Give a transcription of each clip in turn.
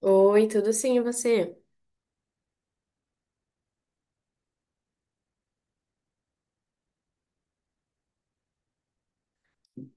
Oi, tudo sim, e você?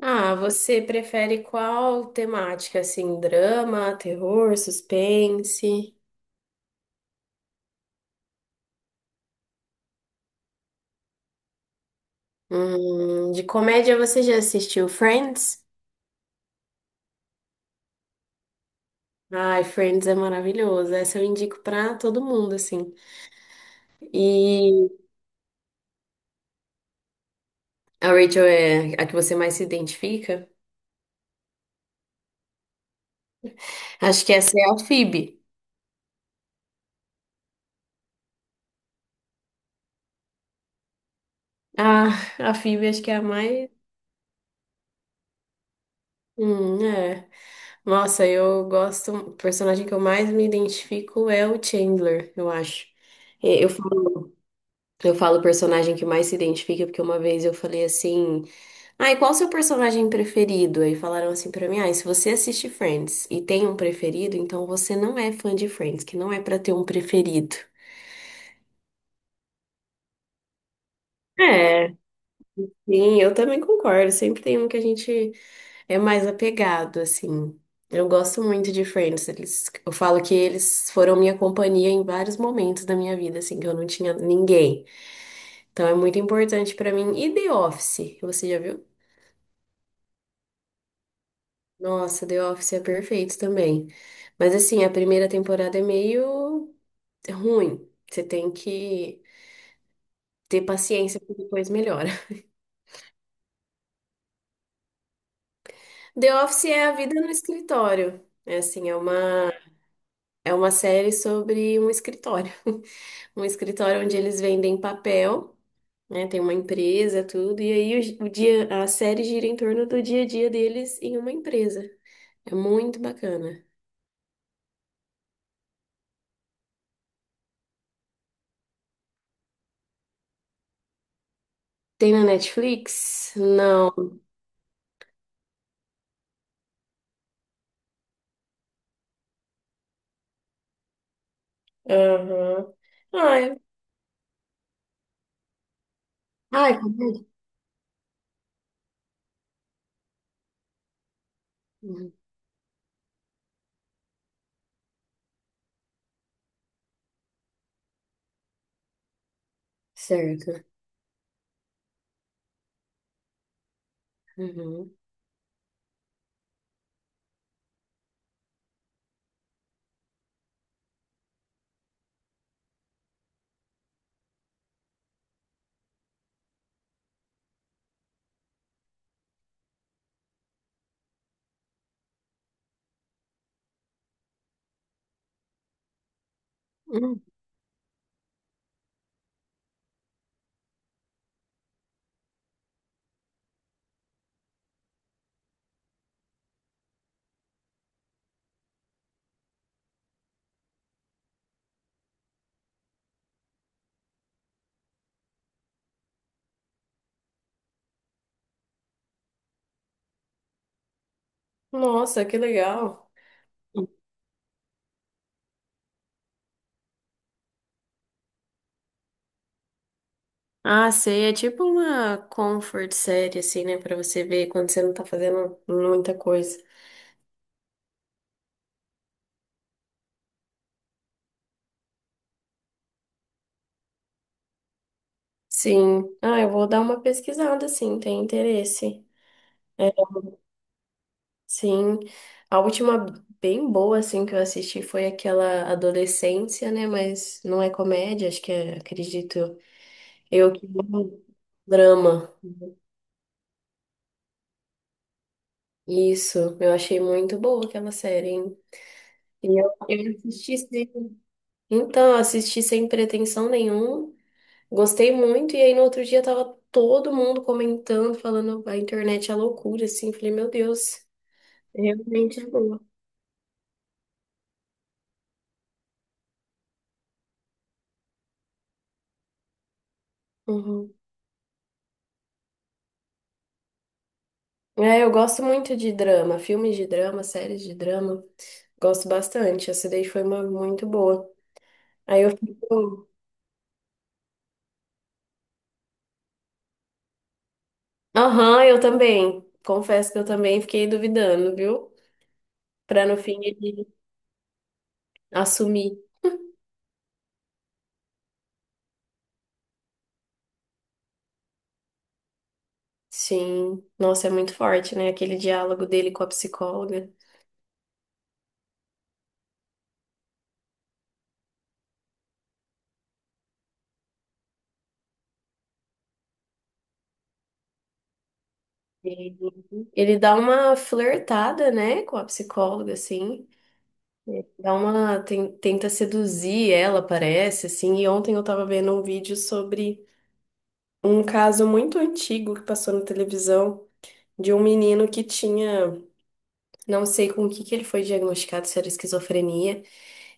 Ah, você prefere qual temática, assim, drama, terror, suspense? De comédia você já assistiu Friends? Ai, Friends é maravilhoso, essa eu indico pra todo mundo, assim. E a Rachel é a que você mais se identifica? Acho que essa é a Phoebe. Ah, a Phoebe acho que é a mais... é. Nossa, eu gosto... O personagem que eu mais me identifico é o Chandler, eu acho. É, eu falo personagem que mais se identifica, porque uma vez eu falei assim, ah, e qual o seu personagem preferido? Aí falaram assim pra mim, ah, e se você assiste Friends e tem um preferido, então você não é fã de Friends, que não é pra ter um preferido. É, sim, eu também concordo. Sempre tem um que a gente é mais apegado, assim. Eu gosto muito de Friends. Eles, eu falo que eles foram minha companhia em vários momentos da minha vida, assim, que eu não tinha ninguém. Então é muito importante pra mim. E The Office, você já viu? Nossa, The Office é perfeito também. Mas assim, a primeira temporada é meio ruim. Você tem que ter paciência porque depois melhora. The Office é a vida no escritório. É assim, é uma série sobre um escritório. Um escritório onde eles vendem papel, né? Tem uma empresa, tudo, e aí o dia a série gira em torno do dia a dia deles em uma empresa. É muito bacana. Tem na Netflix? Não. Aham. Ah, Ah, é verdade. Uhum. Certo. Uhum. Hum. Nossa, que legal. Ah, sei, é tipo uma comfort série, assim, né? Pra você ver quando você não tá fazendo muita coisa. Sim. Ah, eu vou dar uma pesquisada, sim, tem interesse. É, Sim, a última bem boa, assim, que eu assisti foi aquela Adolescência, né? Mas não é comédia, acho que é, acredito eu, que é um drama. Isso, eu achei muito boa aquela série. E eu assisti sem, então, assisti sem pretensão nenhuma, gostei muito, e aí no outro dia tava todo mundo comentando, falando a internet é loucura, assim, falei, meu Deus, realmente é boa. Uhum. É, eu gosto muito de drama, filmes de drama, séries de drama, gosto bastante, essa daí foi uma muito boa. Aí eu fico, aham, eu também, confesso que eu também fiquei duvidando, viu? Pra no fim ele assumir. Sim, nossa, é muito forte, né? Aquele diálogo dele com a psicóloga. Ele ele dá uma flertada, né, com a psicóloga, assim. É, dá uma, tenta seduzir ela, parece, assim. E ontem eu tava vendo um vídeo sobre um caso muito antigo que passou na televisão de um menino que tinha, não sei com o que que ele foi diagnosticado, se era esquizofrenia,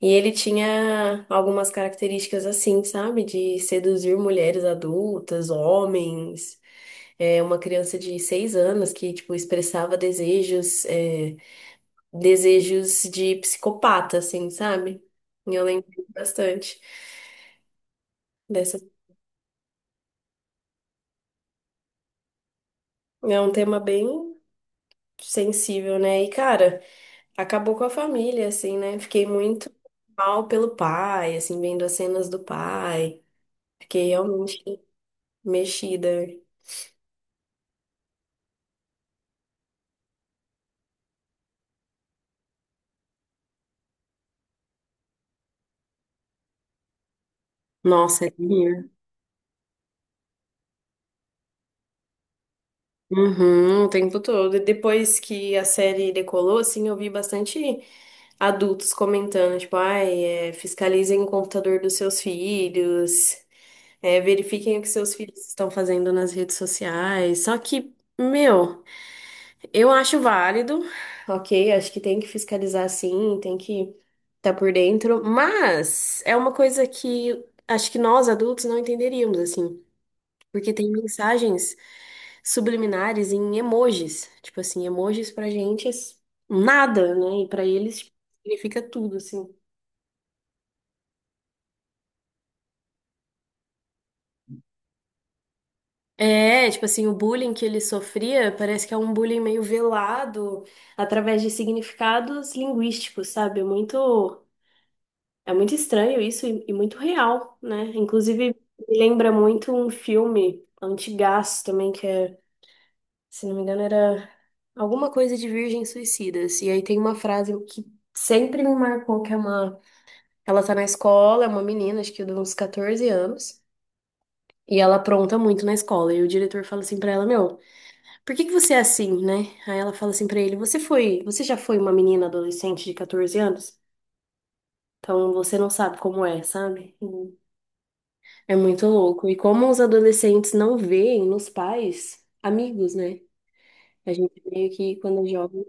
e ele tinha algumas características assim, sabe? De seduzir mulheres adultas, homens. É uma criança de 6 anos que, tipo, expressava desejos, é, desejos de psicopata, assim, sabe? E eu lembro bastante dessa. É um tema bem sensível, né? E, cara, acabou com a família, assim, né? Fiquei muito mal pelo pai, assim, vendo as cenas do pai. Fiquei realmente mexida. Nossa, é minha. Uhum, o tempo todo. E depois que a série decolou, assim, eu vi bastante adultos comentando, tipo, ai, é, fiscalizem o computador dos seus filhos, é, verifiquem o que seus filhos estão fazendo nas redes sociais. Só que, meu, eu acho válido, ok? Acho que tem que fiscalizar sim, tem que estar por dentro, mas é uma coisa que acho que nós adultos não entenderíamos, assim. Porque tem mensagens subliminares em emojis. Tipo assim, emojis pra gente é nada, né? E pra eles, tipo, significa tudo, assim. É, tipo assim, o bullying que ele sofria parece que é um bullying meio velado através de significados linguísticos, sabe? É muito estranho isso e muito real, né? Inclusive, me lembra muito um filme antigaço também, que é, se não me engano, era alguma coisa de Virgens Suicidas. E aí tem uma frase que sempre me marcou, que é uma... Ela tá na escola, é uma menina, acho que de uns 14 anos, e ela apronta muito na escola. E o diretor fala assim pra ela, meu... Por que que você é assim, né? Aí ela fala assim pra ele, você já foi uma menina adolescente de 14 anos? Então você não sabe como é, sabe? Hum. É muito louco. E como os adolescentes não veem nos pais amigos, né? A gente meio que quando é jovem.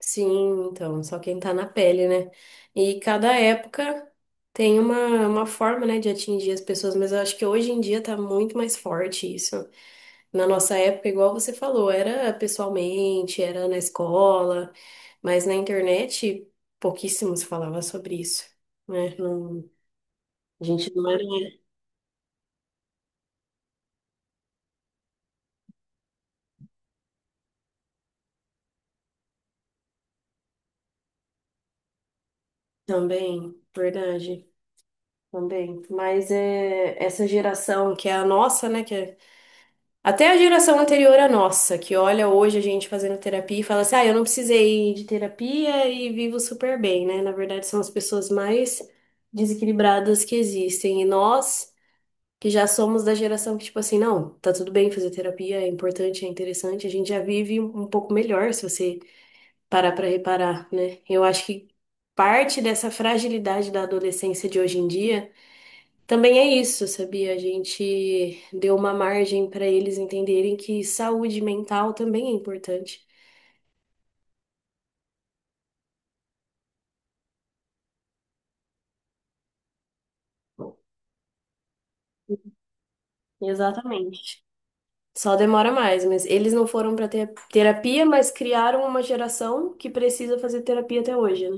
Sim, então, só quem tá na pele, né? E cada época tem uma forma, né, de atingir as pessoas, mas eu acho que hoje em dia tá muito mais forte isso. Na nossa época, igual você falou, era pessoalmente, era na escola, mas na internet pouquíssimo se falava sobre isso, né? Não, a gente não era também, verdade, também. Mas é essa geração que é a nossa, né? Que é- até a geração anterior à nossa, que olha hoje a gente fazendo terapia e fala assim, ah, eu não precisei de terapia e vivo super bem, né? Na verdade, são as pessoas mais desequilibradas que existem. E nós que já somos da geração que, tipo assim, não, tá tudo bem fazer terapia, é importante, é interessante, a gente já vive um pouco melhor se você parar pra reparar, né? Eu acho que parte dessa fragilidade da adolescência de hoje em dia também é isso, sabia? A gente deu uma margem pra eles entenderem que saúde mental também é importante. Exatamente. Só demora mais, mas eles não foram pra ter terapia, mas criaram uma geração que precisa fazer terapia até hoje, né?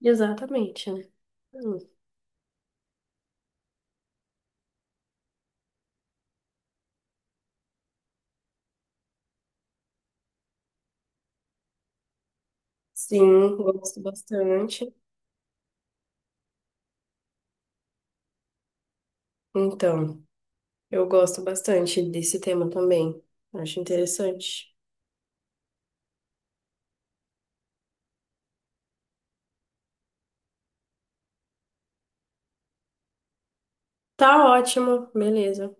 Exatamente, né? Sim, gosto bastante. Então, eu gosto bastante desse tema também. Acho interessante. Tá ótimo, beleza.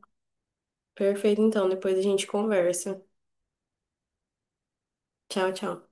Perfeito, então. Depois a gente conversa. Tchau, tchau.